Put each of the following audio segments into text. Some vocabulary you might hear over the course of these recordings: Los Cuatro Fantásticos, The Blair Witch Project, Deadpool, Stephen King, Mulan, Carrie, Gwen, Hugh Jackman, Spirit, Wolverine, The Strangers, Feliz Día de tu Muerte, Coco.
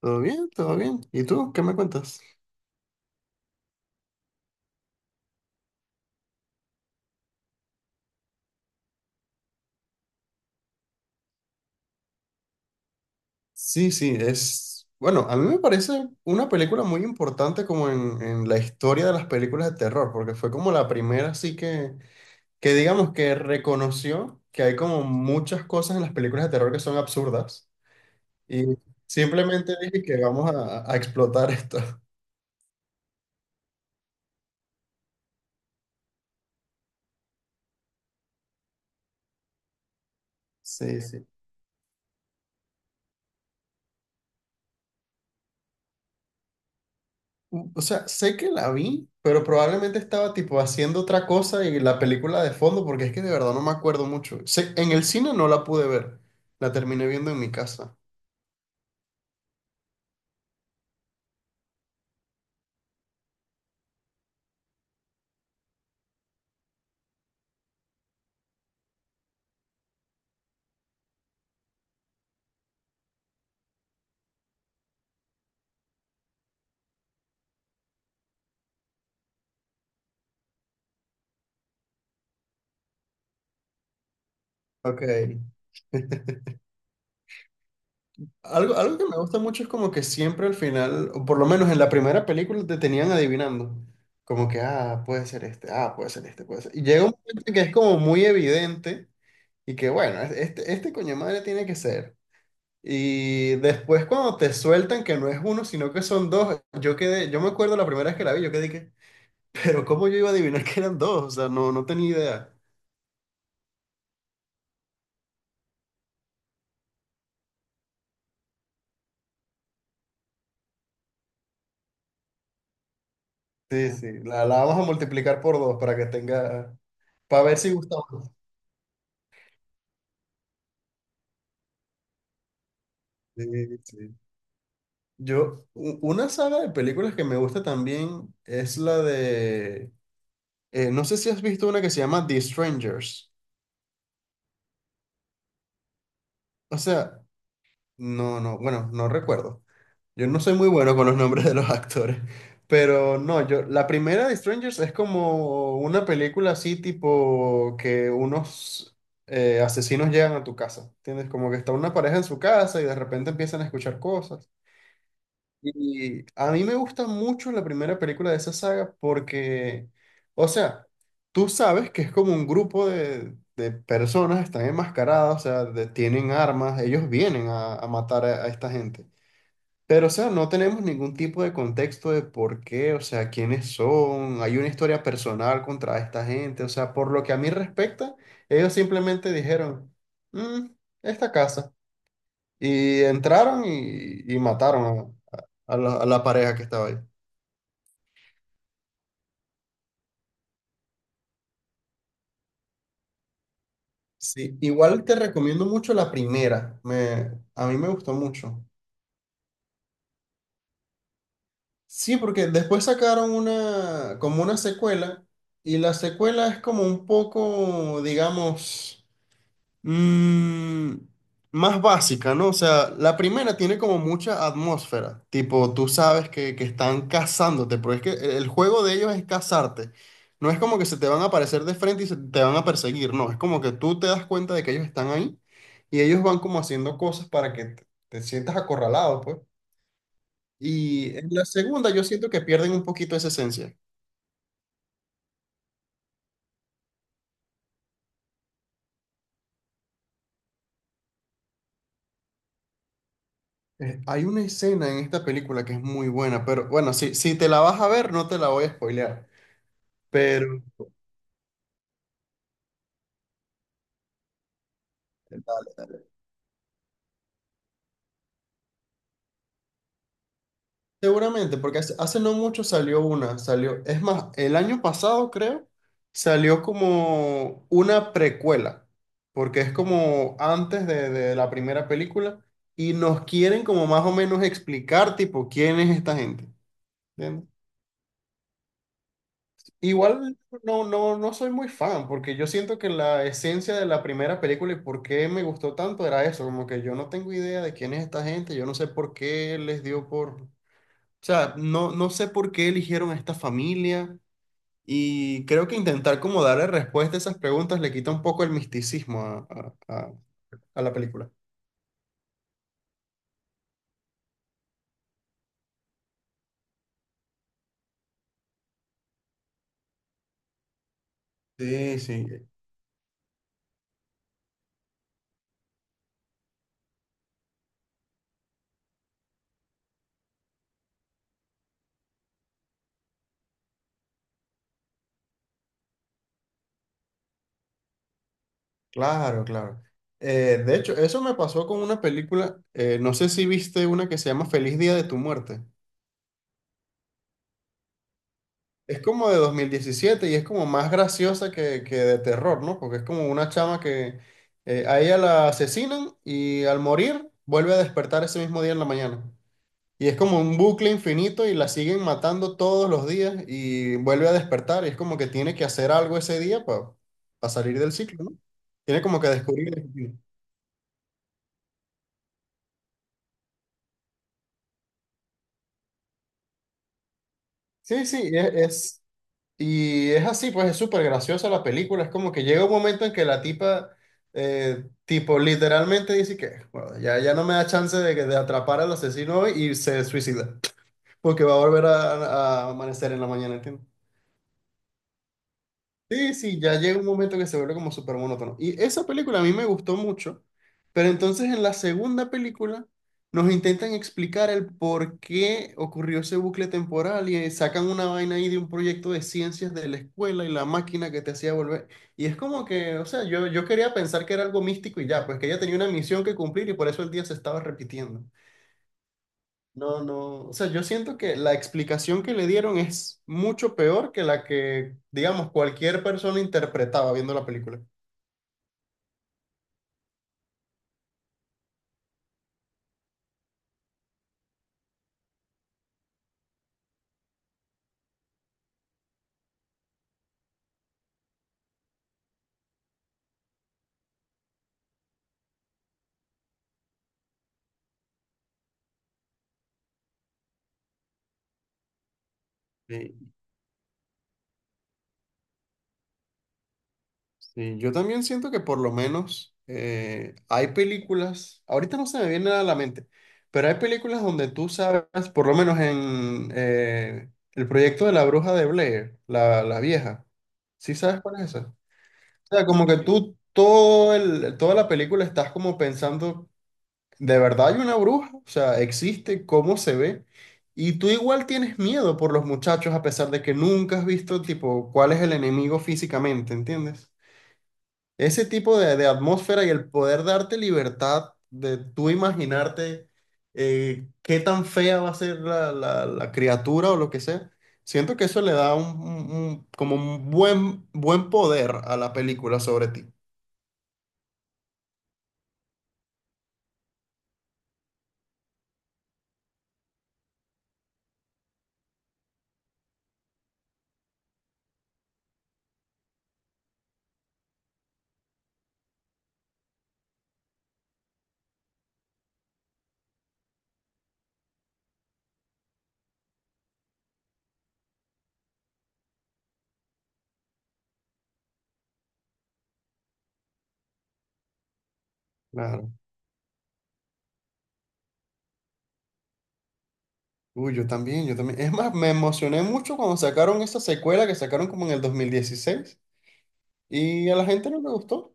Todo bien, todo bien. ¿Y tú qué me cuentas? Sí, sí, es... Bueno, a mí me parece una película muy importante como en la historia de las películas de terror, porque fue como la primera así que digamos que reconoció que hay como muchas cosas en las películas de terror que son absurdas y simplemente dije que vamos a explotar esto. Sí, sí. O sea, sé que la vi, pero probablemente estaba tipo haciendo otra cosa y la película de fondo, porque es que de verdad no me acuerdo mucho. En el cine no la pude ver, la terminé viendo en mi casa. Ok. Algo que me gusta mucho es como que siempre al final, o por lo menos en la primera película, te tenían adivinando. Como que, ah, puede ser este, ah, puede ser este, puede ser. Y llega un momento que es como muy evidente y que, bueno, este coño madre tiene que ser. Y después cuando te sueltan que no es uno, sino que son dos, yo quedé, yo me acuerdo la primera vez que la vi, yo quedé que, pero ¿cómo yo iba a adivinar que eran dos? O sea, no, no tenía idea. Sí, sí, la vamos a multiplicar por dos para que tenga, para ver si gusta más. Sí, sí. Yo, una saga de películas que me gusta también es la de, no sé si has visto una que se llama The Strangers. O sea, no, no, bueno, no recuerdo. Yo no soy muy bueno con los nombres de los actores, pero no, yo, la primera de Strangers es como una película así tipo que unos asesinos llegan a tu casa, ¿entiendes? Como que está una pareja en su casa y de repente empiezan a escuchar cosas. Y a mí me gusta mucho la primera película de esa saga porque, o sea, tú sabes que es como un grupo de personas, están enmascaradas, o sea, de- tienen armas, ellos vienen a matar a esta gente. Pero, o sea, no tenemos ningún tipo de contexto de por qué, o sea, quiénes son, hay una historia personal contra esta gente, o sea, por lo que a mí respecta, ellos simplemente dijeron, "Mm, esta casa", y entraron y mataron a, a la pareja que estaba ahí. Sí, igual te recomiendo mucho la primera, me, a mí me gustó mucho. Sí, porque después sacaron una, como una secuela, y la secuela es como un poco, digamos Mm, más básica, ¿no? O sea, la primera tiene como mucha atmósfera, tipo, tú sabes que están cazándote, pero es que el juego de ellos es cazarte. No es como que se te van a aparecer de frente y se te van a perseguir, no, es como que tú te das cuenta de que ellos están ahí y ellos van como haciendo cosas para que te sientas acorralado, pues. Y en la segunda yo siento que pierden un poquito esa esencia. Hay una escena en esta película que es muy buena, pero bueno, si te la vas a ver, no te la voy a spoilear. Pero dale, dale. Seguramente, porque hace no mucho salió una, salió, es más, el año pasado creo, salió como una precuela, porque es como antes de la primera película y nos quieren como más o menos explicar tipo quién es esta gente. ¿Entiendes? Igual no soy muy fan, porque yo siento que la esencia de la primera película y por qué me gustó tanto era eso, como que yo no tengo idea de quién es esta gente, yo no sé por qué les dio por... O sea, no, no sé por qué eligieron a esta familia y creo que intentar como darle respuesta a esas preguntas le quita un poco el misticismo a a la película. Sí, sí, claro, claro. De hecho, eso me pasó con una película, no sé si viste una que se llama Feliz Día de tu Muerte. Es como de 2017 y es como más graciosa que de terror, ¿no? Porque es como una chama que a ella la asesinan y al morir vuelve a despertar ese mismo día en la mañana. Y es como un bucle infinito y la siguen matando todos los días y vuelve a despertar. Y es como que tiene que hacer algo ese día para salir del ciclo, ¿no? Tiene como que descubrir. Sí, sí, y es así, pues es súper graciosa la película. Es como que llega un momento en que la tipa, tipo, literalmente dice que "Bueno, ya, ya no me da chance de, de atrapar al asesino hoy", y se suicida, porque va a volver a amanecer en la mañana, ¿entiendes? Sí, sí, ya llega un momento que se vuelve como súper monótono. Y esa película a mí me gustó mucho, pero entonces en la segunda película nos intentan explicar el por qué ocurrió ese bucle temporal y sacan una vaina ahí de un proyecto de ciencias de la escuela y la máquina que te hacía volver. Y es como que, o sea, yo quería pensar que era algo místico y ya, pues que ella tenía una misión que cumplir y por eso el día se estaba repitiendo. No, no, o sea, yo siento que la explicación que le dieron es mucho peor que la que, digamos, cualquier persona interpretaba viendo la película. Sí, sí, yo también siento que por lo menos hay películas, ahorita no se me viene nada a la mente, pero hay películas donde tú sabes, por lo menos en el proyecto de la bruja de Blair, la vieja, ¿sí sabes cuál es esa? O sea, como que tú todo el, toda la película estás como pensando, ¿de verdad hay una bruja? O sea, existe, ¿cómo se ve? Y tú igual tienes miedo por los muchachos a pesar de que nunca has visto, tipo, cuál es el enemigo físicamente, ¿entiendes? Ese tipo de atmósfera y el poder darte libertad de tú imaginarte qué tan fea va a ser la, la criatura o lo que sea, siento que eso le da un, como un buen, buen poder a la película sobre ti. Uy, yo también, yo también. Es más, me emocioné mucho cuando sacaron esa secuela que sacaron como en el 2016 y a la gente no le gustó.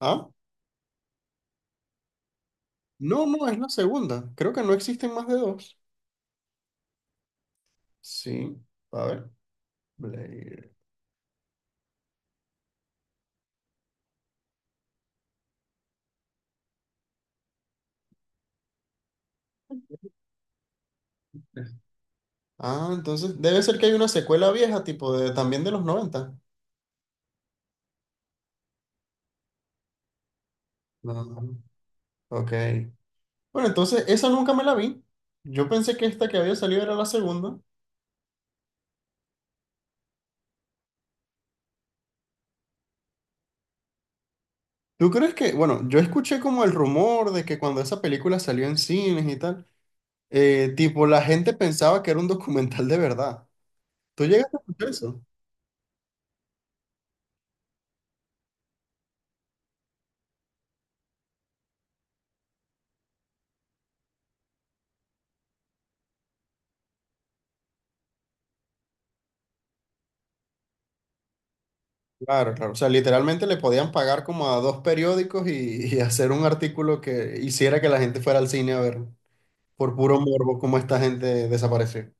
¿Ah? No, no, es la segunda. Creo que no existen más de dos. Sí, a ver. Blade. Ah, entonces debe ser que hay una secuela vieja, tipo de también de los noventa. No. Ok. Bueno, entonces esa nunca me la vi. Yo pensé que esta que había salido era la segunda. ¿Tú crees que, bueno, yo escuché como el rumor de que cuando esa película salió en cines y tal, eh, tipo, la gente pensaba que era un documental de verdad. ¿Tú llegaste a escuchar eso? Claro, claro. O sea, literalmente le podían pagar como a dos periódicos y hacer un artículo que hiciera que la gente fuera al cine a ver, por puro morbo, cómo esta gente desapareció.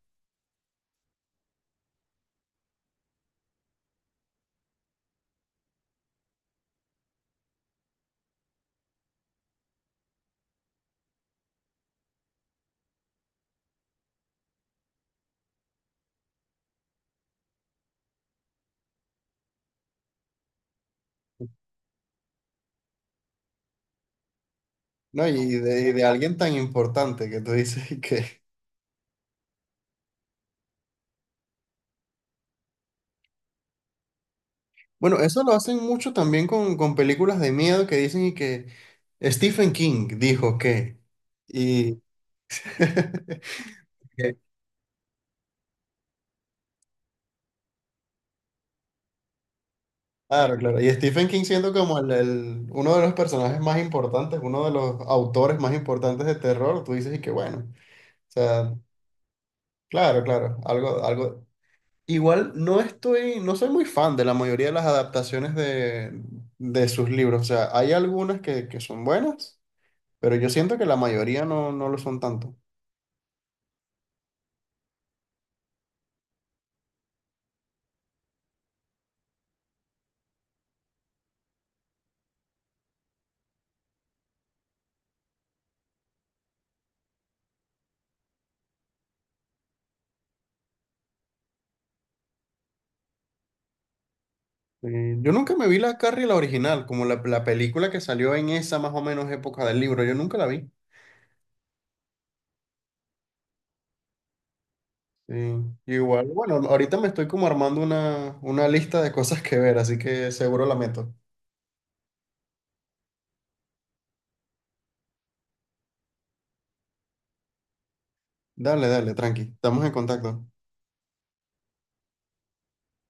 ¿No? Y de alguien tan importante que tú dices y que... Bueno, eso lo hacen mucho también con películas de miedo que dicen y que Stephen King dijo que... Y... Claro, claro. Y Stephen King siendo como el, uno de los personajes más importantes, uno de los autores más importantes de terror, tú dices y que bueno. O sea, claro, claro. Algo, algo. Igual no estoy, no soy muy fan de la mayoría de las adaptaciones de sus libros. O sea, hay algunas que son buenas, pero yo siento que la mayoría no, no lo son tanto. Yo nunca me vi la Carrie, la original, como la película que salió en esa más o menos época del libro. Yo nunca la vi. Sí, igual, bueno, ahorita me estoy como armando una lista de cosas que ver, así que seguro la meto. Dale, dale, tranqui, estamos en contacto.